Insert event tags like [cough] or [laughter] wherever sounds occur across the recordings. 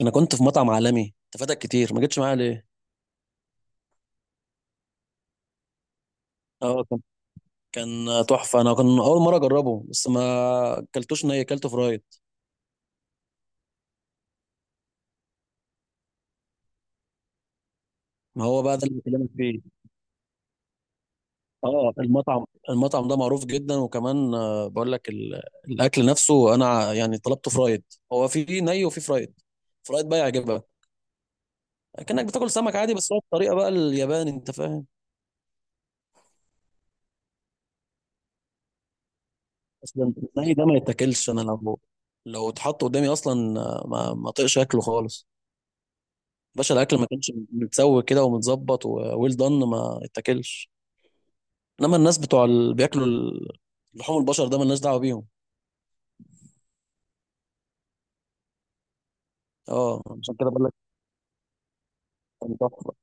انا كنت في مطعم عالمي. انت فاتك كتير، ما جيتش معايا ليه؟ اه، كان تحفه. انا كان اول مره اجربه، بس ما اكلتوش ني، اكلته فرايد. ما هو بقى ده اللي بكلمك فيه. اه، المطعم ده معروف جدا. وكمان بقول لك الاكل نفسه، انا يعني طلبته فرايد. هو في ني وفي فرايد. فرايد بقى يعجبك، كانك بتاكل سمك عادي، بس هو الطريقه بقى الياباني، انت فاهم. اصلا الني ده ما يتاكلش. انا لو اتحط قدامي اصلا ما طقش اكله خالص. باشا، الاكل ما كانش متسوي كده ومتظبط وويل دان، ما اتاكلش. انما الناس بتوع اللي بياكلوا لحوم البشر ده مالناش دعوه بيهم. اه، عشان كده بقول لك كان تحفه.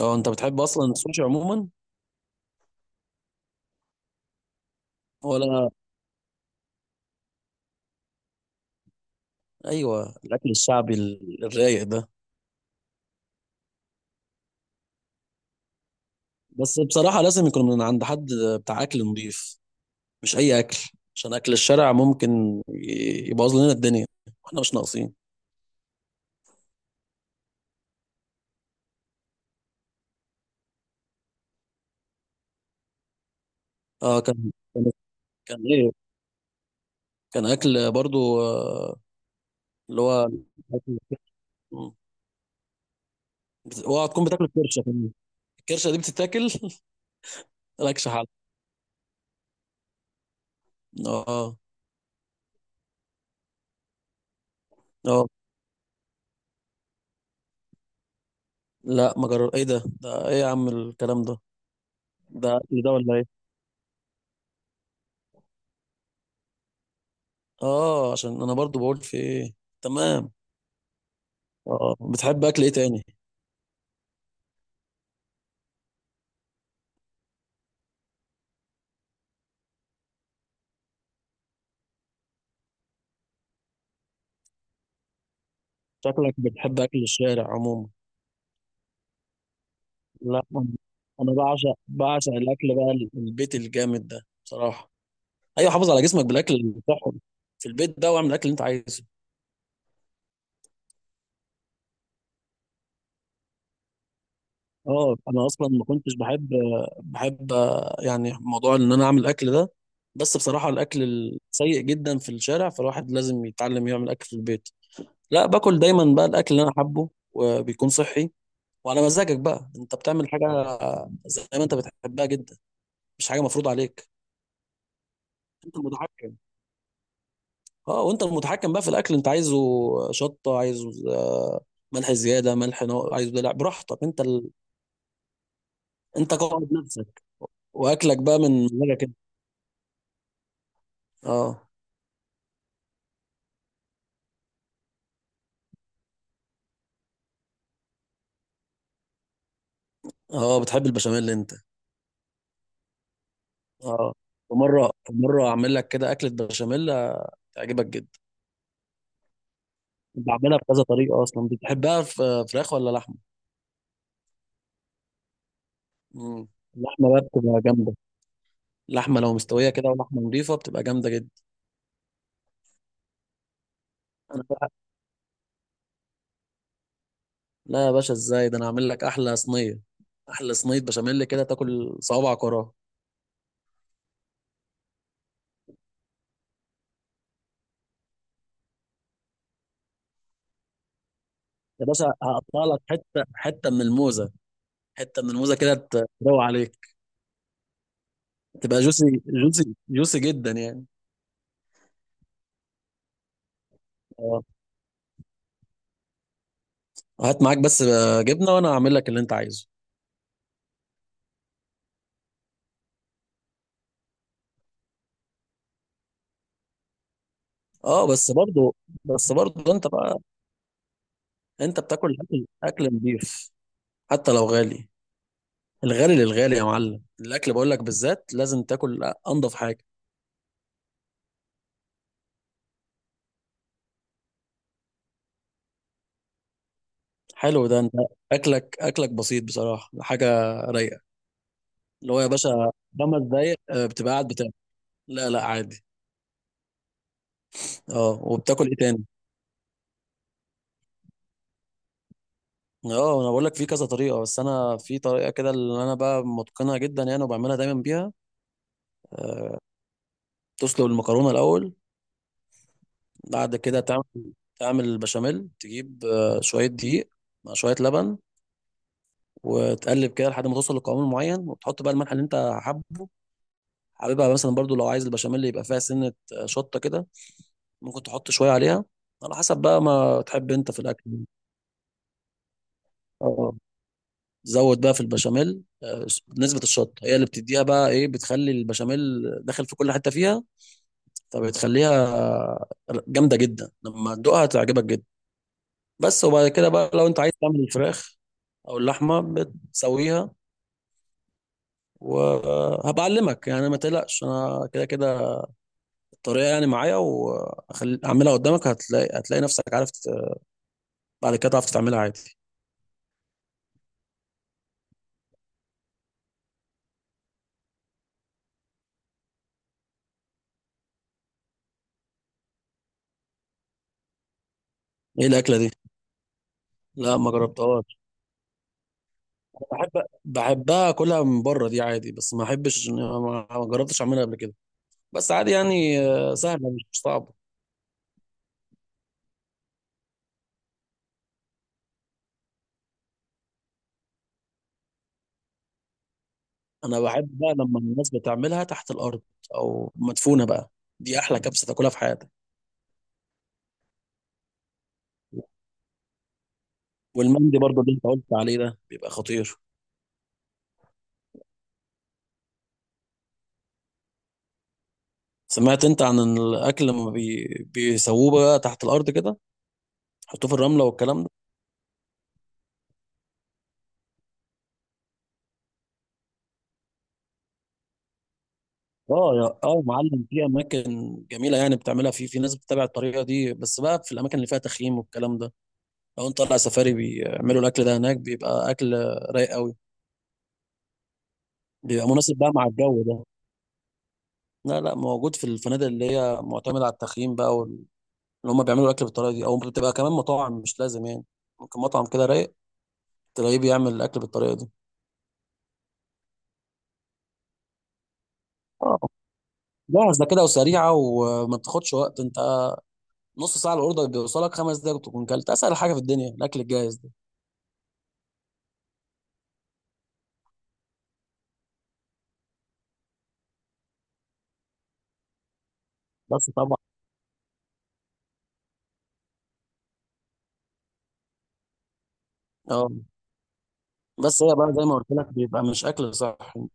اه، انت بتحب اصلا السوشي عموما ولا؟ ايوه، الاكل الشعبي الرايق ده. بس بصراحه لازم يكون من عند حد بتاع اكل نضيف، مش اي اكل. عشان اكل الشارع ممكن يبوظ لنا الدنيا، واحنا مش ناقصين. اه، كان ايه؟ كان اكل برضو اللي هو وهتكون بتاكل الكرشه كمان. الكرشه دي بتتاكل؟ [laughs] مالكش حل. اه. اه. لا، ما جرب ايه ده؟ ده ايه يا عم الكلام ده؟ ده اكل ده ولا ايه؟ اه، عشان انا برضو بقول في ايه. تمام. اه، بتحب اكل ايه تاني؟ شكلك بتحب اكل الشارع عموما. لا، انا، أنا بعشق الاكل بقى البيت الجامد ده بصراحه. ايوه، حافظ على جسمك بالاكل الصحي في البيت ده، واعمل الاكل اللي انت عايزه. اه، انا اصلا ما كنتش بحب يعني موضوع ان انا اعمل اكل ده. بس بصراحه الاكل السيء جدا في الشارع، فالواحد لازم يتعلم يعمل اكل في البيت. لا، باكل دايما بقى الاكل اللي انا حابه وبيكون صحي. وعلى مزاجك بقى، انت بتعمل حاجه زي ما انت بتحبها جدا، مش حاجه مفروض عليك. انت المتحكم. اه، وانت المتحكم بقى في الاكل انت عايزه. شطه عايزه ملح زياده، ملح نوع عايزه، دلع، براحتك، انت قائد نفسك، واكلك بقى من مزاجك انت. اه. اه، بتحب البشاميل انت. اه، ومره مره اعمل لك كده اكله بشاميل تعجبك جدا. بعملها بكذا طريقه اصلا. بتحبها في فراخ ولا لحمه؟ مم. اللحمه بقى بتبقى جامده. لحمه لو مستويه كده ولحمه نضيفه بتبقى جامده جدا. انا بقى، لا يا باشا، ازاي ده؟ انا هعمل لك احلى صينيه. احلى صينيه بشاميل كده تاكل صوابعك وراها. يا باشا، هقطع لك حته حته من الموزه. حته من الموزه كده تروق عليك. تبقى جوسي جوسي جوسي جدا يعني. هات معاك بس جبنه، وانا هعمل لك اللي انت عايزه. اه، بس برضو انت بقى. انت بتاكل اكل نضيف حتى لو غالي. الغالي للغالي يا معلم، الاكل بقول لك بالذات لازم تاكل انضف حاجه. حلو ده. انت اكلك بسيط بصراحه، حاجه رايقه. اللي هو يا باشا، 5 دقايق بتبقى قاعد بتاكل. لا لا، عادي. اه، وبتاكل ايه تاني؟ اه، انا بقول لك في كذا طريقه، بس انا في طريقه كده اللي انا بقى متقنها جدا يعني وبعملها دايما بيها. تسلق المكرونه الاول. بعد كده تعمل البشاميل. تجيب شوية دقيق مع شوية لبن، وتقلب كده لحد ما توصل لقوام معين، وتحط بقى الملح اللي انت حابه. حاببها مثلا برضو لو عايز البشاميل يبقى فيها سنة شطة كده، ممكن تحط شوية عليها على حسب بقى ما تحب انت في الأكل. اه، زود بقى في البشاميل نسبة الشطة، هي اللي بتديها بقى ايه، بتخلي البشاميل داخل في كل حتة فيها، فبتخليها جامدة جدا. لما تدوقها تعجبك جدا. بس وبعد كده بقى، لو انت عايز تعمل الفراخ او اللحمه، بتسويها. وهبقى اعلمك يعني، ما تقلقش، انا كده كده الطريقه يعني معايا، واعملها قدامك، هتلاقي نفسك عارف، بعد كده تعرف تعملها عادي. ايه الاكله دي؟ لا، ما جربتهاش. أنا بحبها اكلها من بره دي عادي، بس ما احبش ما جربتش اعملها قبل كده. بس عادي يعني سهله، مش صعبه. انا بحب بقى لما الناس بتعملها تحت الارض او مدفونه بقى. دي احلى كبسه تاكلها في حياتك. والمندي برضو اللي انت قلت عليه ده بيبقى خطير. سمعت انت عن الاكل لما بيسووه بقى تحت الارض كده؟ يحطوه في الرمله والكلام ده. اه يا، يا معلم، في اماكن جميله يعني بتعملها، في ناس بتتابع الطريقه دي، بس بقى في الاماكن اللي فيها تخييم والكلام ده. لو انت طالع سفاري بيعملوا الاكل ده هناك، بيبقى اكل رايق قوي. بيبقى مناسب بقى مع الجو ده. لا لا، موجود في الفنادق اللي هي معتمده على التخييم بقى اللي هم بيعملوا الاكل بالطريقه دي، او بتبقى كمان مطاعم مش لازم يعني. ممكن مطعم كده رايق تلاقيه بيعمل الاكل بالطريقه دي. لا، ده كده وسريعه، وما بتاخدش وقت. انت نص ساعه الاوردر بيوصلك، 5 دقايق تكون كلت، اسهل حاجه في الدنيا الاكل الجاهز ده. بس طبعا. اه، بس هي بقى زي ما قلت لك بيبقى مش اكل صح. انت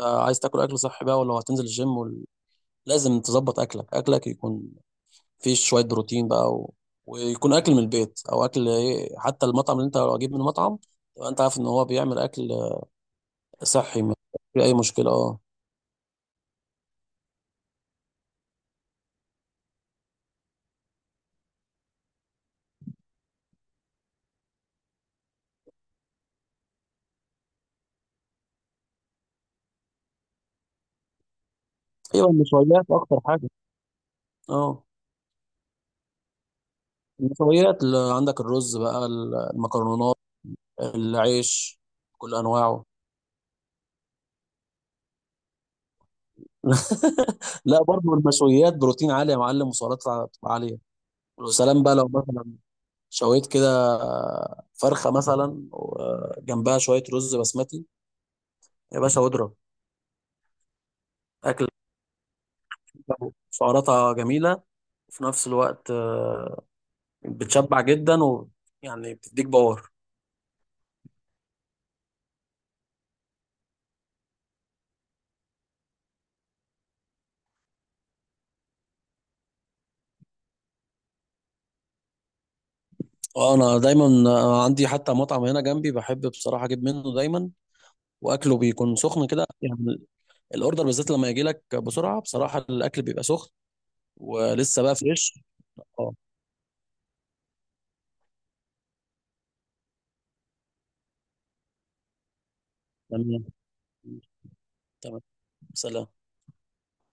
عايز تاكل اكل صح بقى، ولو هتنزل الجيم، لازم تظبط اكلك. اكلك يكون فيه شويه بروتين بقى، ويكون اكل من البيت او اكل، ايه، حتى المطعم اللي انت لو اجيب من مطعم تبقى انت عارف ان هو بيعمل اكل صحي، ما في اي مشكله. اه. ايوه، النشويات اكتر حاجه. اه، النشويات اللي عندك الرز بقى، المكرونات، العيش كل انواعه. [laughs] لا، برضو المشويات بروتين عالي يا معلم، وسعرات عاليه. وسلام بقى لو مثلا شويت كده فرخه مثلا وجنبها شويه رز بسمتي، يا باشا، واضرب. اكل سعراتها جميله، وفي نفس الوقت بتشبع جدا، ويعني بتديك باور. وانا دايما عندي حتى مطعم هنا جنبي بحب بصراحه اجيب منه دايما. واكله بيكون سخن كده يعني. الاوردر بالذات لما يجي لك بسرعه بصراحه الاكل بيبقى سخن، ولسه بقى فريش. اه. تمام. تمام، سلام.